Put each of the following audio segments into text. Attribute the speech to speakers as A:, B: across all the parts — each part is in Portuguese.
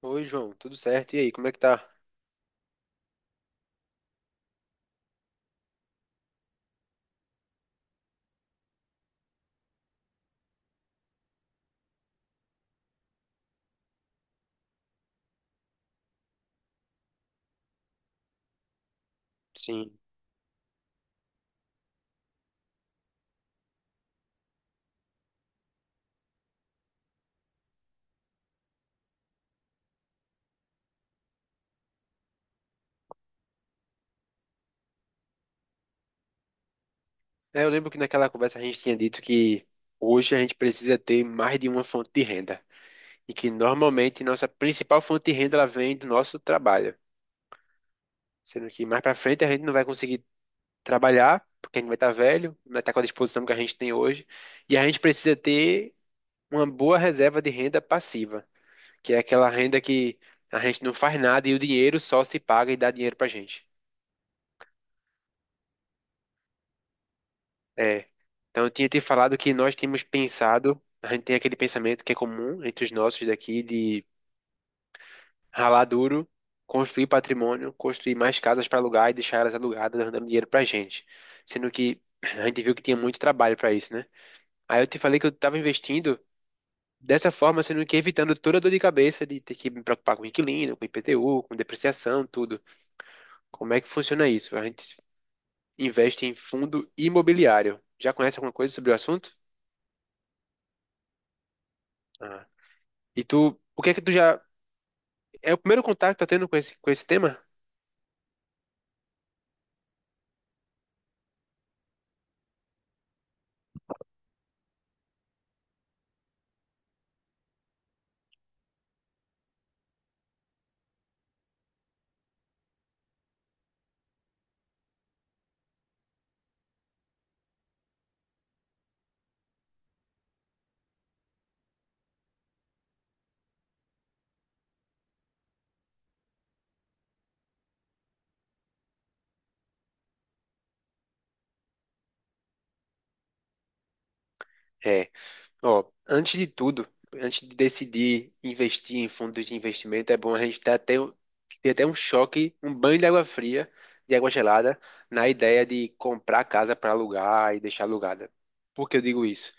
A: Oi, João, tudo certo? E aí, como é que tá? Sim. É, eu lembro que naquela conversa a gente tinha dito que hoje a gente precisa ter mais de uma fonte de renda e que normalmente nossa principal fonte de renda ela vem do nosso trabalho, sendo que mais pra frente a gente não vai conseguir trabalhar porque a gente vai estar velho, não vai estar com a disposição que a gente tem hoje e a gente precisa ter uma boa reserva de renda passiva, que é aquela renda que a gente não faz nada e o dinheiro só se paga e dá dinheiro pra gente. É. Então, eu tinha te falado que nós tínhamos pensado, a gente tem aquele pensamento que é comum entre os nossos daqui de ralar duro, construir patrimônio, construir mais casas para alugar e deixar elas alugadas, dando dinheiro pra gente. Sendo que a gente viu que tinha muito trabalho para isso, né? Aí eu te falei que eu estava investindo dessa forma, sendo que evitando toda a dor de cabeça de ter que me preocupar com inquilino, com IPTU, com depreciação, tudo. Como é que funciona isso? A gente investe em fundo imobiliário. Já conhece alguma coisa sobre o assunto? E tu, o que é que tu já. É o primeiro contato que tá tendo com esse tema? É, ó, antes de tudo, antes de decidir investir em fundos de investimento, é bom a gente ter até um choque, um banho de água fria, de água gelada, na ideia de comprar casa para alugar e deixar alugada. Por que eu digo isso?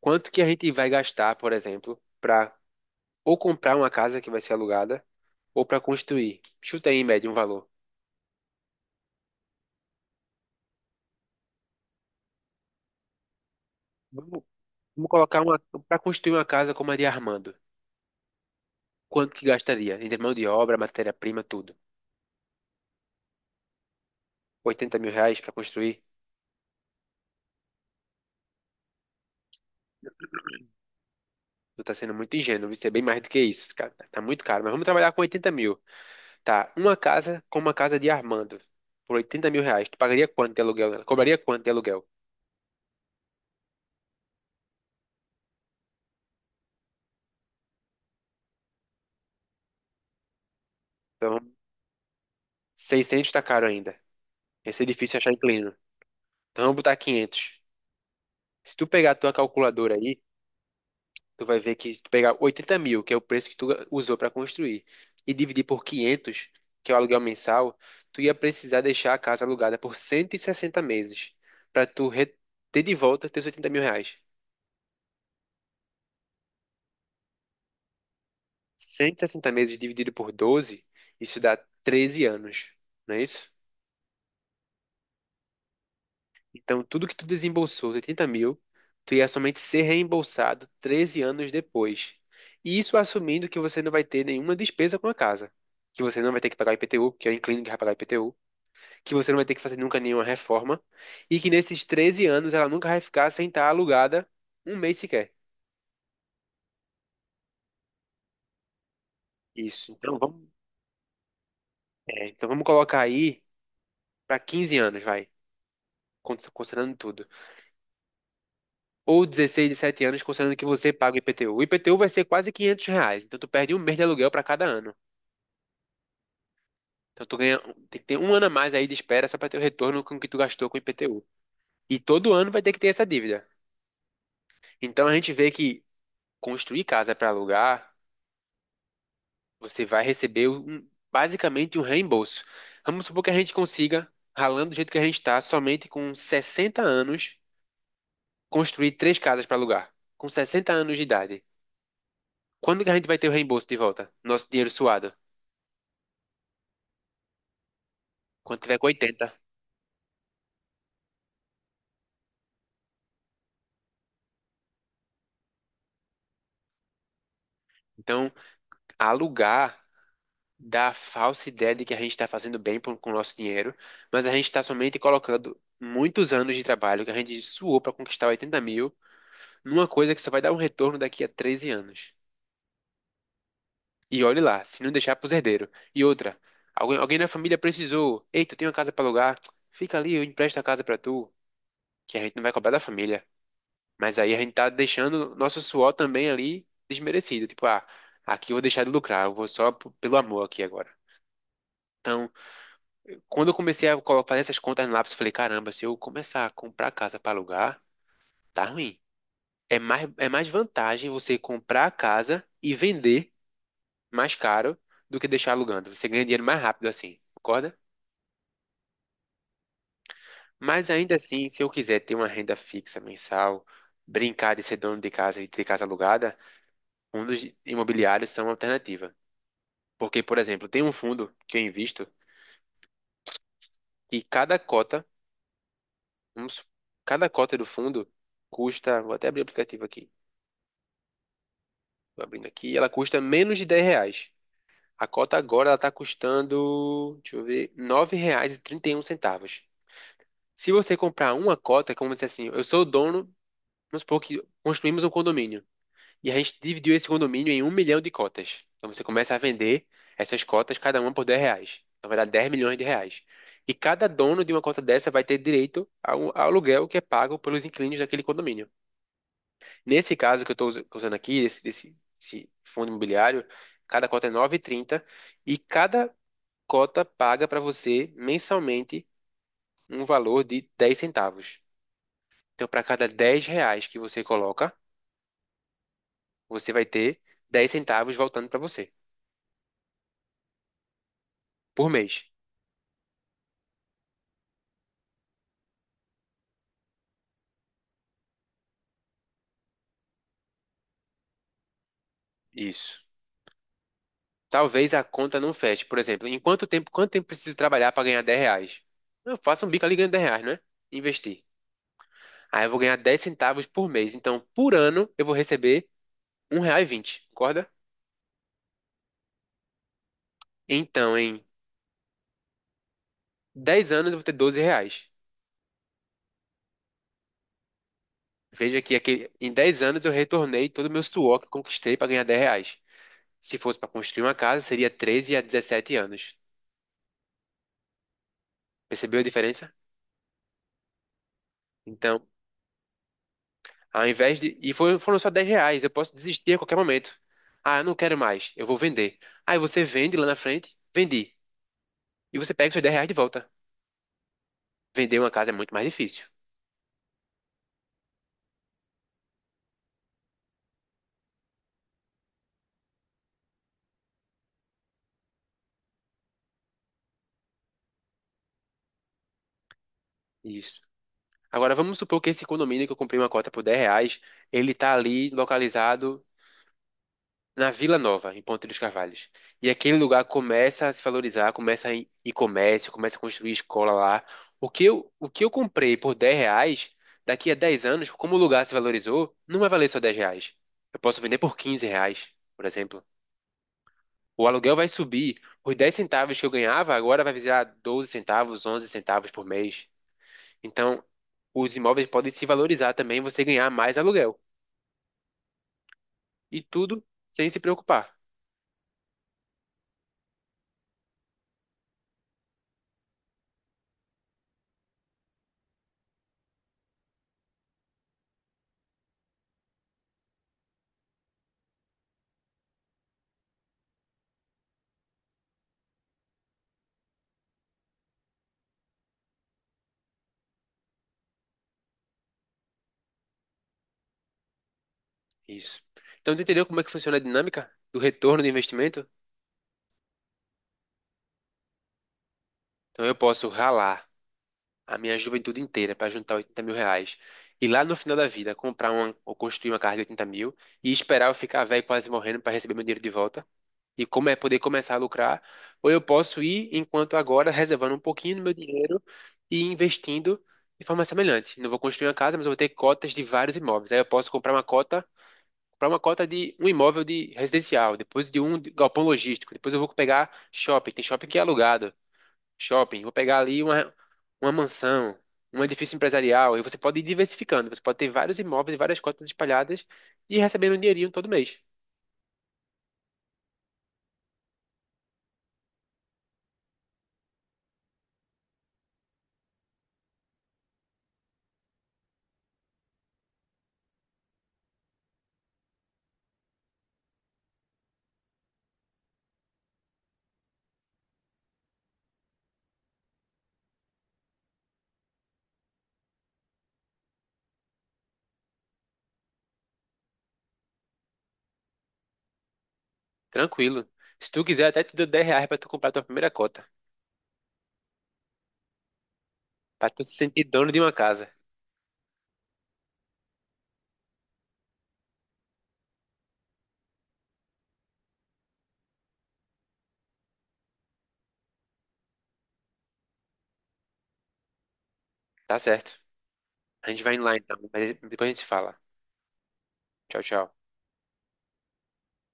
A: Quanto que a gente vai gastar, por exemplo, para ou comprar uma casa que vai ser alugada, ou para construir? Chuta aí, em média, um valor. Vamos, vamos colocar uma. Para construir uma casa como a de Armando. Quanto que gastaria? Em mão de obra, matéria-prima, tudo. R$ 80 mil pra construir? Tu tá sendo muito ingênuo, isso é bem mais do que isso, cara. Tá tá muito caro, mas vamos trabalhar com 80 mil. Tá, uma casa com uma casa de Armando. Por R$ 80 mil, tu pagaria quanto de aluguel nela? Cobraria quanto de aluguel? Então, 600. Tá caro ainda. Esse é difícil achar inquilino. Então, vamos botar 500. Se tu pegar a tua calculadora aí, tu vai ver que se tu pegar 80 mil, que é o preço que tu usou para construir, e dividir por 500 que é o aluguel mensal, tu ia precisar deixar a casa alugada por 160 meses para tu ter de volta teus R$ 80 mil. Cento e sessenta meses dividido por 12 isso dá 13 anos, não é isso? Então, tudo que tu desembolsou, 80 mil, tu ia somente ser reembolsado 13 anos depois. E isso assumindo que você não vai ter nenhuma despesa com a casa. Que você não vai ter que pagar IPTU, que é o inquilino que vai pagar IPTU. Que você não vai ter que fazer nunca nenhuma reforma, e que nesses 13 anos ela nunca vai ficar sem estar alugada um mês sequer. Isso. Então vamos, é, então vamos colocar aí para 15 anos, vai, considerando tudo. Ou 16, 17 anos, considerando que você paga o IPTU. O IPTU vai ser quase R$ 500, então tu perde um mês de aluguel para cada ano. Então tu ganha, tem que ter um ano a mais aí de espera só para ter o retorno com o que tu gastou com o IPTU. E todo ano vai ter que ter essa dívida. Então a gente vê que construir casa para alugar você vai receber um- basicamente um reembolso. Vamos supor que a gente consiga, ralando do jeito que a gente está, somente com 60 anos, construir três casas para alugar. Com 60 anos de idade. Quando que a gente vai ter o reembolso de volta? Nosso dinheiro suado. Quando tiver com 80. Então, alugar dá a falsa ideia de que a gente está fazendo bem com o nosso dinheiro, mas a gente está somente colocando muitos anos de trabalho que a gente suou para conquistar 80 mil numa coisa que só vai dar um retorno daqui a 13 anos. E olhe lá, se não deixar pros herdeiros. E outra, alguém, alguém na família precisou. Eita, eu tenho uma casa pra alugar. Fica ali, eu empresto a casa pra tu. Que a gente não vai cobrar da família. Mas aí a gente tá deixando nosso suor também ali desmerecido. Tipo, ah, aqui eu vou deixar de lucrar, eu vou só pelo amor aqui agora. Então, quando eu comecei a fazer essas contas no lápis, eu falei, caramba, se eu começar a comprar casa pra alugar, tá ruim. É mais vantagem você comprar a casa e vender mais caro do que deixar alugando. Você ganha dinheiro mais rápido assim, concorda? Mas ainda assim, se eu quiser ter uma renda fixa mensal, brincar de ser dono de casa e ter casa alugada, fundos imobiliários são uma alternativa. Porque, por exemplo, tem um fundo que eu invisto e cada cota, vamos su- cada cota do fundo custa, vou até abrir o aplicativo aqui, vou abrindo aqui, ela custa menos de R$ 10. A cota agora ela está custando, deixa eu ver, nove reais e trinta e um centavos. Se você comprar uma cota, como se assim, eu sou o dono, vamos supor que construímos um condomínio. E a gente dividiu esse condomínio em 1 milhão de cotas. Então você começa a vender essas cotas, cada uma por R$ 10. Na verdade, 10 milhões de reais. E cada dono de uma cota dessa vai ter direito ao, ao aluguel que é pago pelos inquilinos daquele condomínio. Nesse caso que eu estou usando aqui, desse fundo imobiliário, cada cota é 9,30 e trinta e cada cota paga para você mensalmente um valor de 10 centavos. Então, para cada R$ 10 que você coloca, você vai ter 10 centavos voltando para você por mês. Isso. Talvez a conta não feche. Por exemplo, em quanto tempo preciso trabalhar para ganhar R$ 10? Eu faço um bico ali e ganho R$ 10, né? Investir. Aí eu vou ganhar 10 centavos por mês. Então, por ano, eu vou receber R$ 1,20. Concorda? Então, em 10 anos, eu vou ter R$ 12. Veja que aquele- em 10 anos eu retornei todo o meu suor que eu conquistei para ganhar 10 reais. Se fosse para construir uma casa, seria 13 a 17 anos. Percebeu a diferença? Então, ao invés de. E foram só R$ 10. Eu posso desistir a qualquer momento. Ah, eu não quero mais. Eu vou vender. Aí você vende lá na frente, vendi. E você pega os seus R$ 10 de volta. Vender uma casa é muito mais difícil. Isso. Agora vamos supor que esse condomínio que eu comprei uma cota por R$ 10, ele tá ali localizado na Vila Nova, em Ponte dos Carvalhos. E aquele lugar começa a se valorizar, começa a ir comércio, começa a construir escola lá. O que eu comprei por R$ 10, daqui a 10 anos, como o lugar se valorizou, não vai valer só R$ 10. Eu posso vender por R$ 15, por exemplo. O aluguel vai subir. Os 10 centavos que eu ganhava agora vai virar 12 centavos, 11 centavos por mês. Então, os imóveis podem se valorizar também, você ganhar mais aluguel. E tudo sem se preocupar. Isso. Então, tu entendeu como é que funciona a dinâmica do retorno do investimento? Então, eu posso ralar a minha juventude inteira para juntar 80 mil reais e lá no final da vida comprar uma, ou construir uma casa de 80 mil e esperar eu ficar velho quase morrendo para receber meu dinheiro de volta e como é poder começar a lucrar. Ou eu posso ir enquanto agora reservando um pouquinho do meu dinheiro e investindo de forma semelhante. Não vou construir uma casa, mas eu vou ter cotas de vários imóveis. Aí eu posso comprar uma cota para uma cota de um imóvel de residencial, depois de um de galpão logístico, depois eu vou pegar shopping, tem shopping que é alugado, shopping, vou pegar ali uma mansão, um edifício empresarial, e você pode ir diversificando, você pode ter vários imóveis e várias cotas espalhadas e ir recebendo um dinheirinho todo mês, tranquilo. Se tu quiser, até te dou R$ 10 para tu comprar a tua primeira cota, para tu se sentir dono de uma casa, tá certo? A gente vai indo lá então, mas depois a gente se fala. Tchau, tchau.